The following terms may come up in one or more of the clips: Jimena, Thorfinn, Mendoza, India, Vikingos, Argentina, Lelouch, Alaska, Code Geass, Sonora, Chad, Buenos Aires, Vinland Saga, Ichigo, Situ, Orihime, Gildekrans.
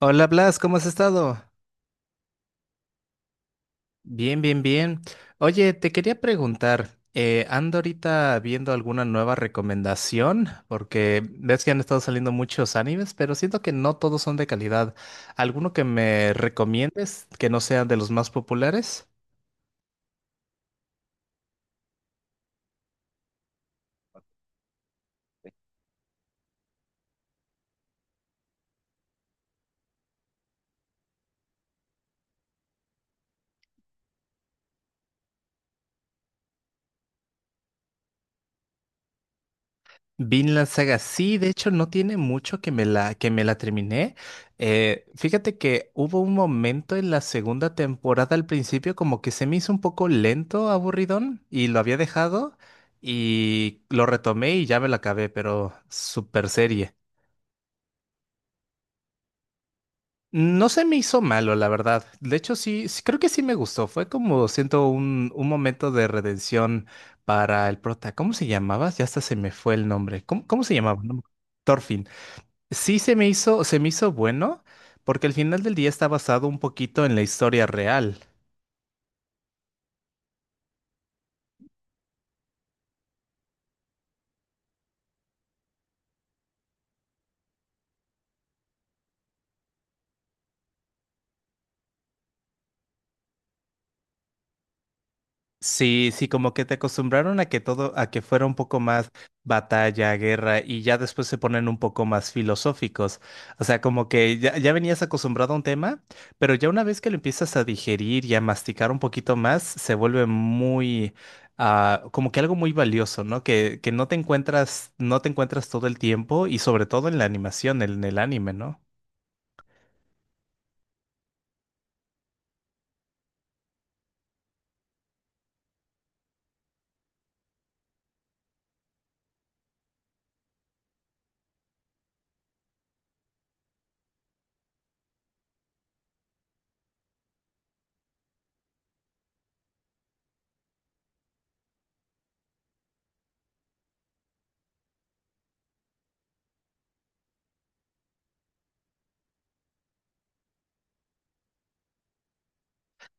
Hola Blas, ¿cómo has estado? Bien, bien, bien. Oye, te quería preguntar, ando ahorita viendo alguna nueva recomendación, porque ves que han estado saliendo muchos animes, pero siento que no todos son de calidad. ¿Alguno que me recomiendes que no sea de los más populares? Vinland Saga, sí, de hecho no tiene mucho que que me la terminé. Fíjate que hubo un momento en la segunda temporada al principio como que se me hizo un poco lento, aburridón, y lo había dejado y lo retomé y ya me la acabé, pero super serie. No se me hizo malo, la verdad. De hecho, sí, sí, creo que sí me gustó. Fue como, siento, un momento de redención para el prota. ¿Cómo se llamaba? Ya hasta se me fue el nombre. Cómo se llamaba? No me acuerdo. Thorfinn. Sí se me hizo bueno, porque al final del día está basado un poquito en la historia real. Sí, sí, como que te acostumbraron a a que fuera un poco más batalla, guerra, y ya después se ponen un poco más filosóficos. O sea, como que ya venías acostumbrado a un tema, pero ya una vez que lo empiezas a digerir y a masticar un poquito más, se vuelve muy, ah, como que algo muy valioso, ¿no? Que no te encuentras, no te encuentras todo el tiempo, y sobre todo en la animación, en el anime, ¿no?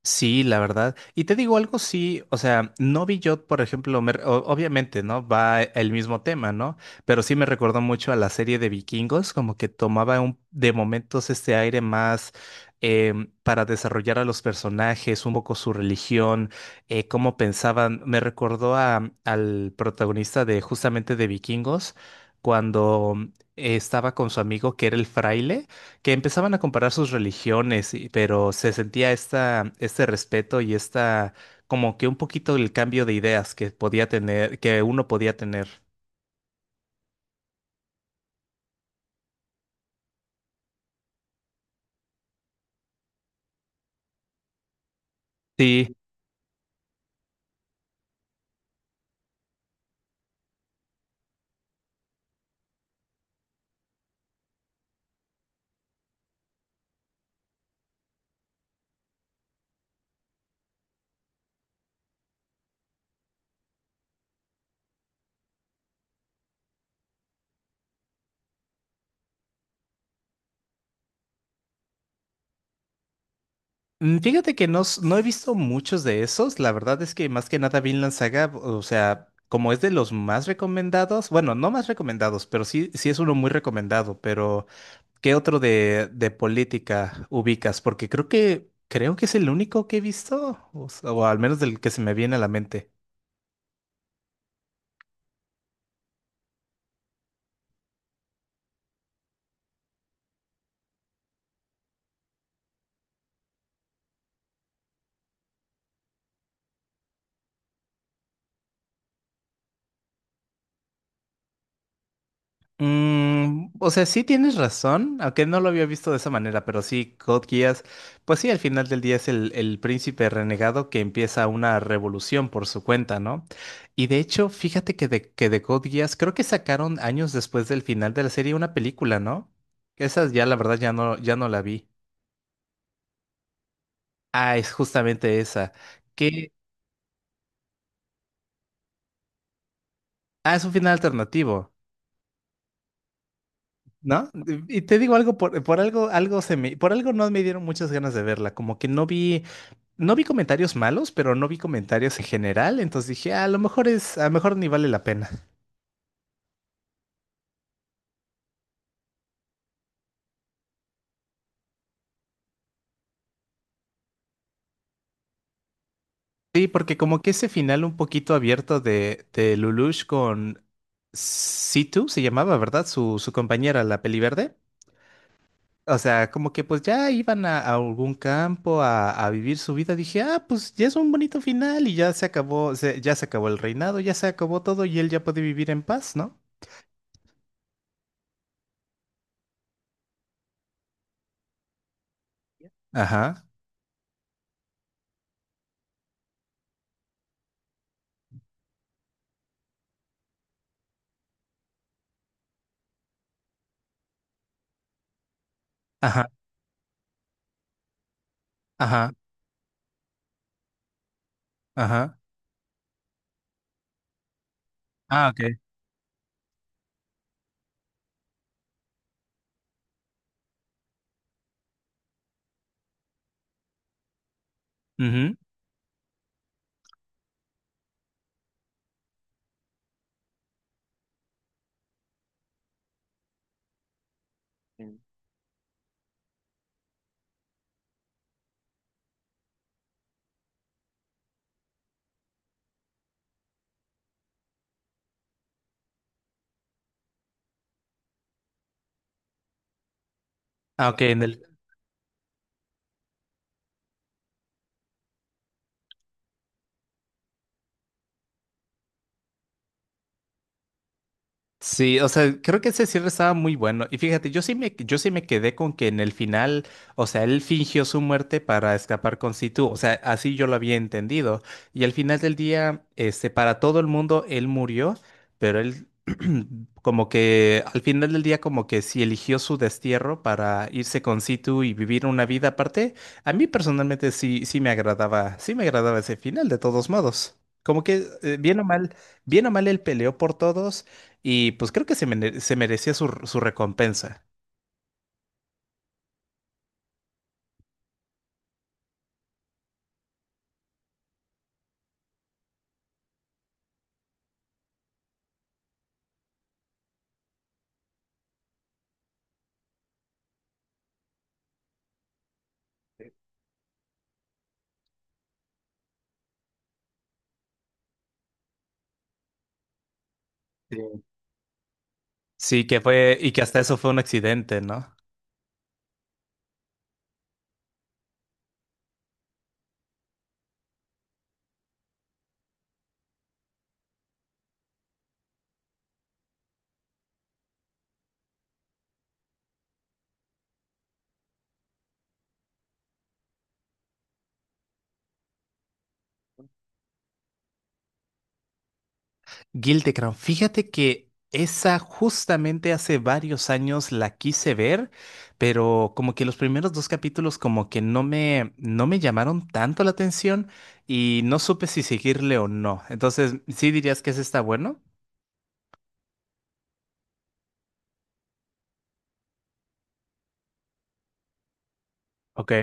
Sí, la verdad. Y te digo algo, sí, o sea, no vi yo, por ejemplo, obviamente, ¿no? El mismo tema, ¿no? Pero sí me recordó mucho a la serie de Vikingos, como que tomaba un, de momentos este aire más para desarrollar a los personajes, un poco su religión, cómo pensaban. Me recordó al protagonista de justamente de Vikingos, cuando estaba con su amigo que era el fraile que empezaban a comparar sus religiones, pero se sentía esta, este respeto y esta, como que un poquito el cambio de ideas que podía tener, que uno podía tener. Sí. Mm, fíjate que no, no he visto muchos de esos. La verdad es que más que nada Vinland Saga, o sea, como es de los más recomendados, bueno, no más recomendados, pero sí, sí es uno muy recomendado. Pero, ¿qué otro de política ubicas? Porque creo creo que es el único que he visto, o al menos del que se me viene a la mente. Mm, o sea, sí tienes razón, aunque no lo había visto de esa manera, pero sí, Code Geass, pues sí, al final del día es el príncipe renegado que empieza una revolución por su cuenta, ¿no? Y de hecho, fíjate que que de Code Geass, creo que sacaron años después del final de la serie una película, ¿no? Esa ya, la verdad, ya no la vi. Ah, es justamente esa, que, ah, es un final alternativo. ¿No? Y te digo algo, por algo, por algo no me dieron muchas ganas de verla, como que no vi, no vi comentarios malos, pero no vi comentarios en general, entonces dije, "Ah, a lo mejor es, a lo mejor ni vale la pena." Sí, porque como que ese final un poquito abierto de Lelouch con Situ, se llamaba, ¿verdad? Su compañera, la peliverde. O sea, como que pues ya iban a algún campo a vivir su vida. Dije, ah, pues ya es un bonito final y ya se acabó, ya se acabó el reinado, ya se acabó todo y él ya puede vivir en paz, ¿no? Ajá, ajá, ajá, ajá. Ah, ok. Ujú. Ah, ok, en el sí, o sea, creo que ese cierre estaba muy bueno. Y fíjate, yo sí me quedé con que en el final, o sea, él fingió su muerte para escapar con Situ. O sea, así yo lo había entendido. Y al final del día, este, para todo el mundo, él murió, pero él como que al final del día, como que sí eligió su destierro para irse con Situ y vivir una vida aparte. A mí personalmente sí, sí me agradaba ese final, de todos modos. Como que, bien o mal, él peleó por todos. Y pues creo se merecía su, su recompensa. Sí. Sí, que fue, y que hasta eso fue un accidente, ¿no? Gildekrans, fíjate que esa justamente hace varios años la quise ver, pero como que los primeros dos capítulos como que no me llamaron tanto la atención y no supe si seguirle o no. Entonces, ¿sí dirías que ese está bueno? Ok.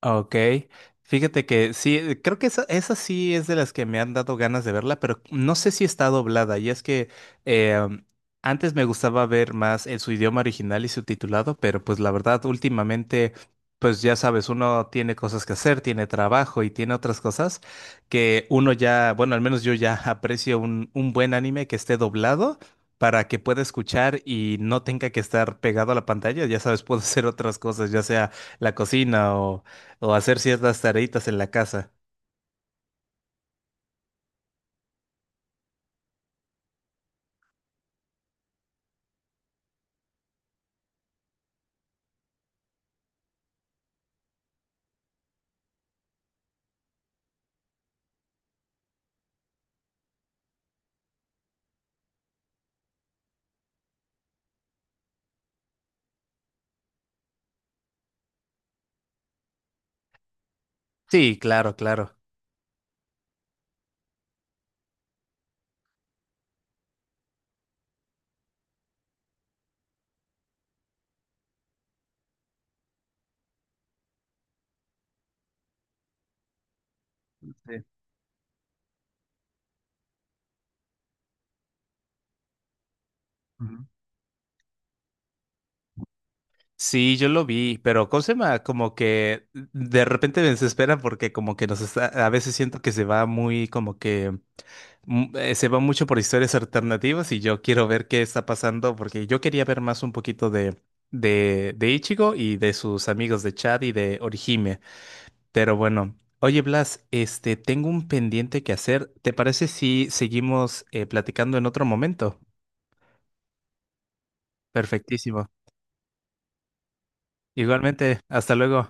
Ok, fíjate que sí, creo esa sí es de las que me han dado ganas de verla, pero no sé si está doblada. Y es que eh, antes me gustaba ver más en su idioma original y subtitulado, pero pues la verdad últimamente, pues ya sabes, uno tiene cosas que hacer, tiene trabajo y tiene otras cosas que uno ya, bueno, al menos yo ya aprecio un buen anime que esté doblado para que pueda escuchar y no tenga que estar pegado a la pantalla. Ya sabes, puedo hacer otras cosas, ya sea la cocina o hacer ciertas tareitas en la casa. Sí, claro, claro. Sí. Ujú. Sí, yo lo vi, pero ¿cómo se llama? Como que de repente me desespera porque como que nos está, a veces siento que se va muy, como que mm, se va mucho por historias alternativas y yo quiero ver qué está pasando porque yo quería ver más un poquito de Ichigo y de sus amigos de Chad y de Orihime, pero bueno. Oye, Blas, este, tengo un pendiente que hacer. ¿Te parece si seguimos platicando en otro momento? Perfectísimo. Igualmente, hasta luego.